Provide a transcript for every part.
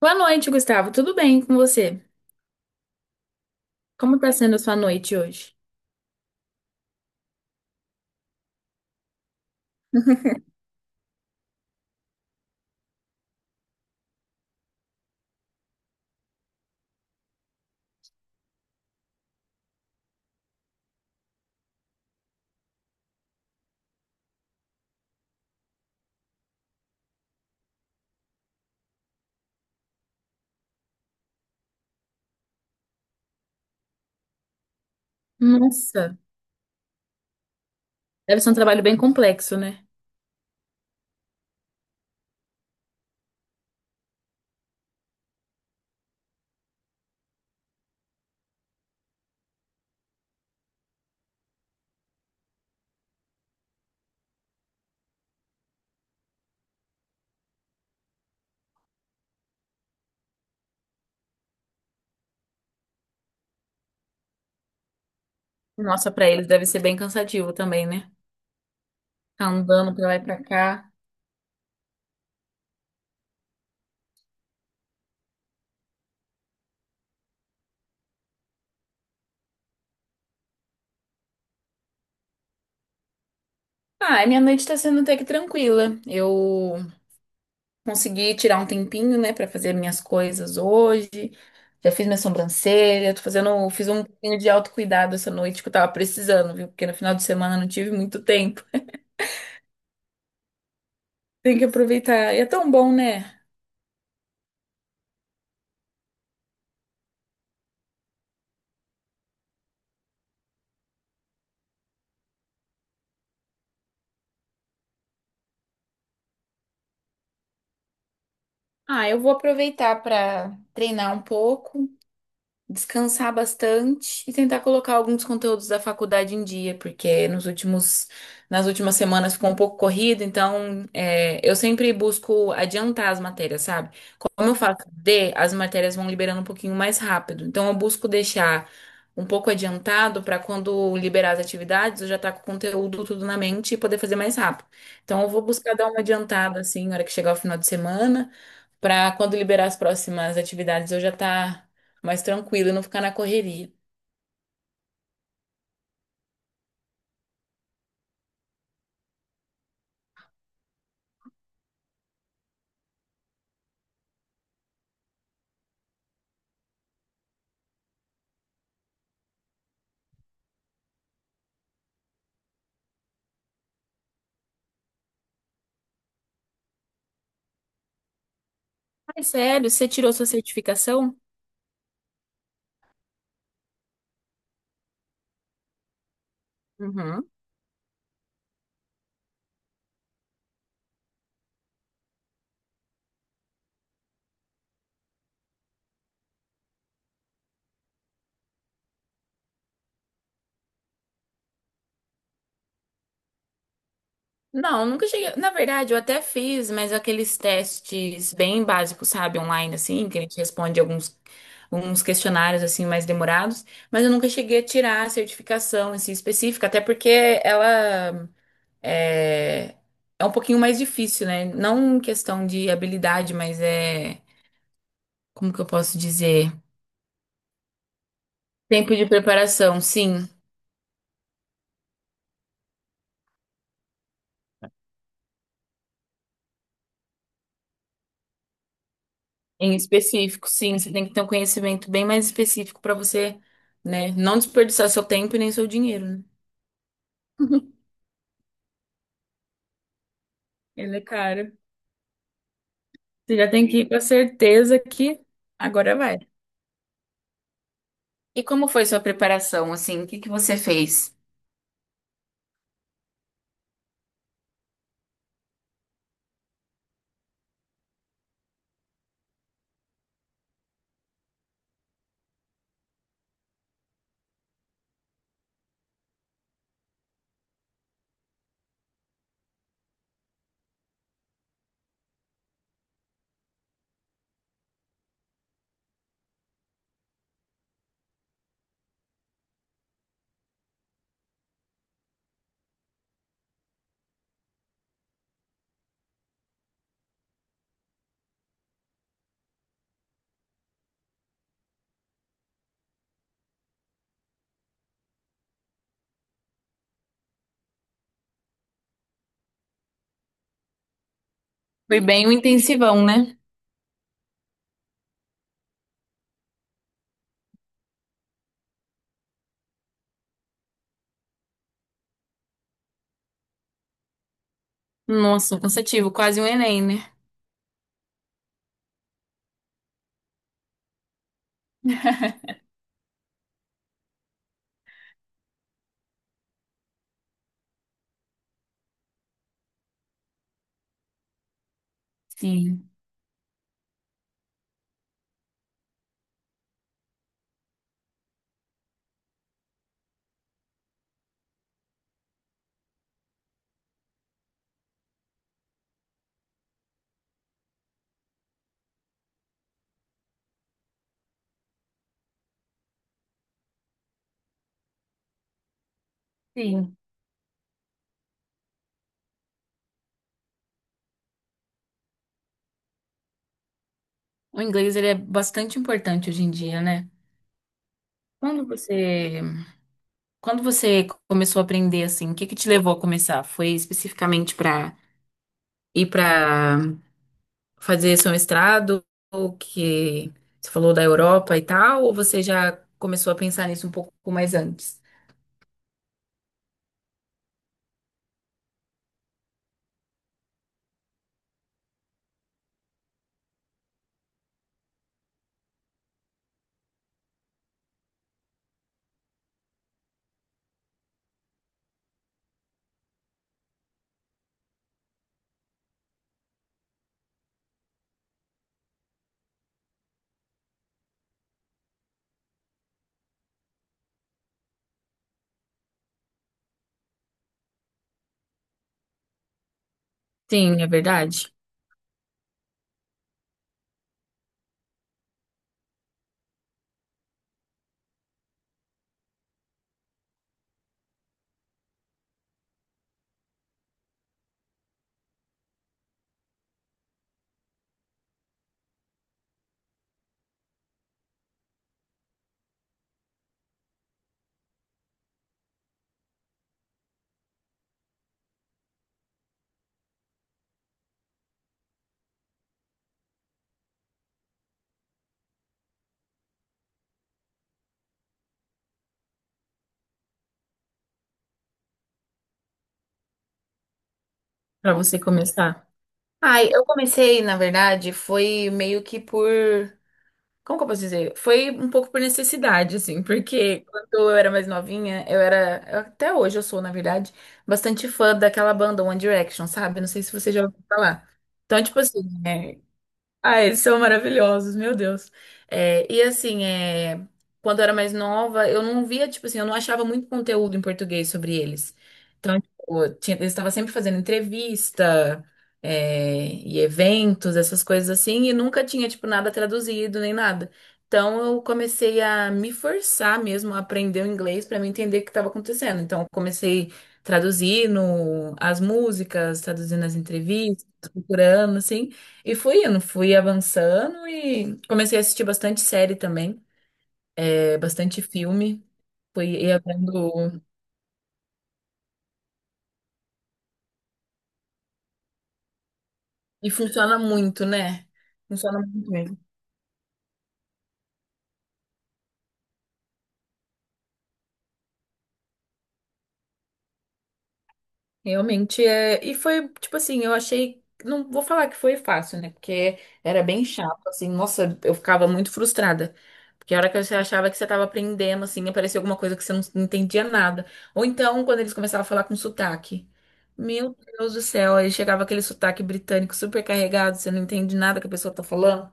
Boa noite, Gustavo. Tudo bem com você? Como está sendo a sua noite hoje? Nossa, deve ser um trabalho bem complexo, né? Nossa, para eles deve ser bem cansativo também, né? Tá andando pra lá e pra cá. Ah, minha noite tá sendo até que tranquila. Eu consegui tirar um tempinho, né, pra fazer minhas coisas hoje. Já fiz minha sobrancelha, tô fazendo, fiz um pouquinho de autocuidado essa noite que eu tava precisando, viu? Porque no final de semana eu não tive muito tempo. Tem que aproveitar. E é tão bom, né? Ah, eu vou aproveitar para treinar um pouco descansar bastante e tentar colocar alguns conteúdos da faculdade em dia, porque nas últimas semanas ficou um pouco corrido, então eu sempre busco adiantar as matérias, sabe? Como eu faço D, as matérias vão liberando um pouquinho mais rápido, então eu busco deixar um pouco adiantado para quando liberar as atividades, eu já estar com o conteúdo tudo na mente e poder fazer mais rápido. Então eu vou buscar dar uma adiantada assim, na hora que chegar o final de semana. Para quando liberar as próximas atividades, eu já estar mais tranquilo e não ficar na correria. Ai, sério? Você tirou sua certificação? Uhum. Não, nunca cheguei. Na verdade, eu até fiz, mas aqueles testes bem básicos, sabe, online, assim, que a gente responde alguns questionários, assim, mais demorados. Mas eu nunca cheguei a tirar a certificação, assim, específica, até porque ela é, é um pouquinho mais difícil, né? Não em questão de habilidade, mas é. Como que eu posso dizer? Tempo de preparação, sim. Em específico, sim, você tem que ter um conhecimento bem mais específico para você, né, não desperdiçar seu tempo e nem seu dinheiro, né? Ela é cara. Você já tem que ir com a certeza que agora vai. E como foi sua preparação, assim? O que que você fez? Foi bem um intensivão, né? Nossa, cansativo, quase um Enem, né? Sim, sim. O inglês, ele é bastante importante hoje em dia, né? Quando você, quando você começou a aprender, assim, o que que te levou a começar? Foi especificamente para ir para fazer seu mestrado, ou que você falou da Europa e tal, ou você já começou a pensar nisso um pouco mais antes? Sim, é verdade. Para você começar. Ai, eu comecei, na verdade, foi meio que por. Como que eu posso dizer? Foi um pouco por necessidade, assim, porque quando eu era mais novinha, Até hoje eu sou, na verdade, bastante fã daquela banda One Direction, sabe? Não sei se você já ouviu falar. Então, tipo assim, né? Ah, eles são maravilhosos, meu Deus. É, e assim, é, quando eu era mais nova, eu não via, tipo assim, eu não achava muito conteúdo em português sobre eles. Então, tipo, eles estavam sempre fazendo entrevista, é, e eventos, essas coisas assim, e nunca tinha, tipo, nada traduzido nem nada. Então, eu comecei a me forçar mesmo a aprender o inglês para me entender o que estava acontecendo. Então, eu comecei traduzindo as músicas, traduzindo as entrevistas, procurando, assim. E fui indo, fui avançando e comecei a assistir bastante série também, é, bastante filme. Fui ia vendo. E funciona muito, né? Funciona muito mesmo. Realmente é. E foi, tipo assim, eu achei. Não vou falar que foi fácil, né? Porque era bem chato, assim. Nossa, eu ficava muito frustrada. Porque a hora que você achava que você estava aprendendo, assim, aparecia alguma coisa que você não entendia nada. Ou então, quando eles começavam a falar com sotaque. Meu Deus do céu, aí chegava aquele sotaque britânico super carregado, você não entende nada que a pessoa tá falando.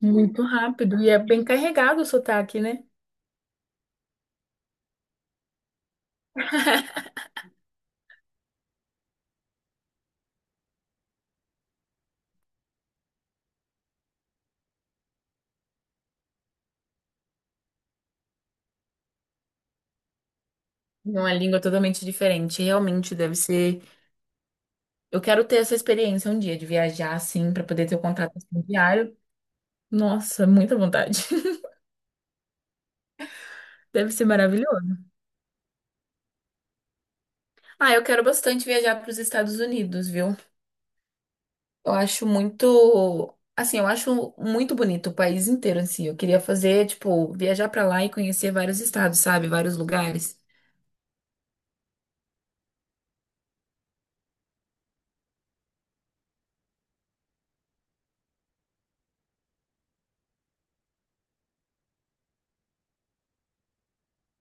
Muito rápido. E é bem carregado o sotaque, né? Uma língua totalmente diferente. Realmente deve ser. Eu quero ter essa experiência um dia de viajar assim para poder ter o contrato assim, diário. Nossa, muita vontade. Deve ser maravilhoso. Ah, eu quero bastante viajar para os Estados Unidos, viu? Eu acho muito, assim, eu acho muito bonito o país inteiro em si. Eu queria fazer, tipo, viajar para lá e conhecer vários estados, sabe? Vários lugares.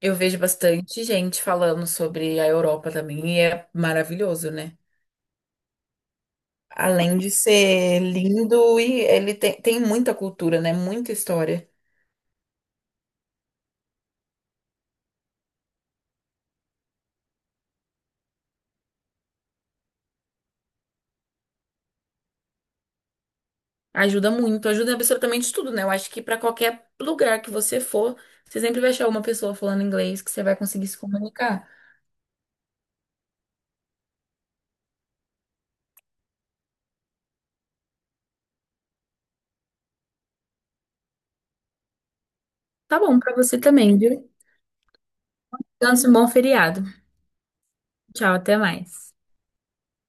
Eu vejo bastante gente falando sobre a Europa também e é maravilhoso, né? Além de ser lindo e ele tem muita cultura, né? Muita história. Ajuda muito, ajuda em absolutamente tudo, né? Eu acho que pra qualquer lugar que você for, você sempre vai achar uma pessoa falando inglês que você vai conseguir se comunicar. Tá bom pra você também, viu? Então, um bom feriado. Tchau, até mais.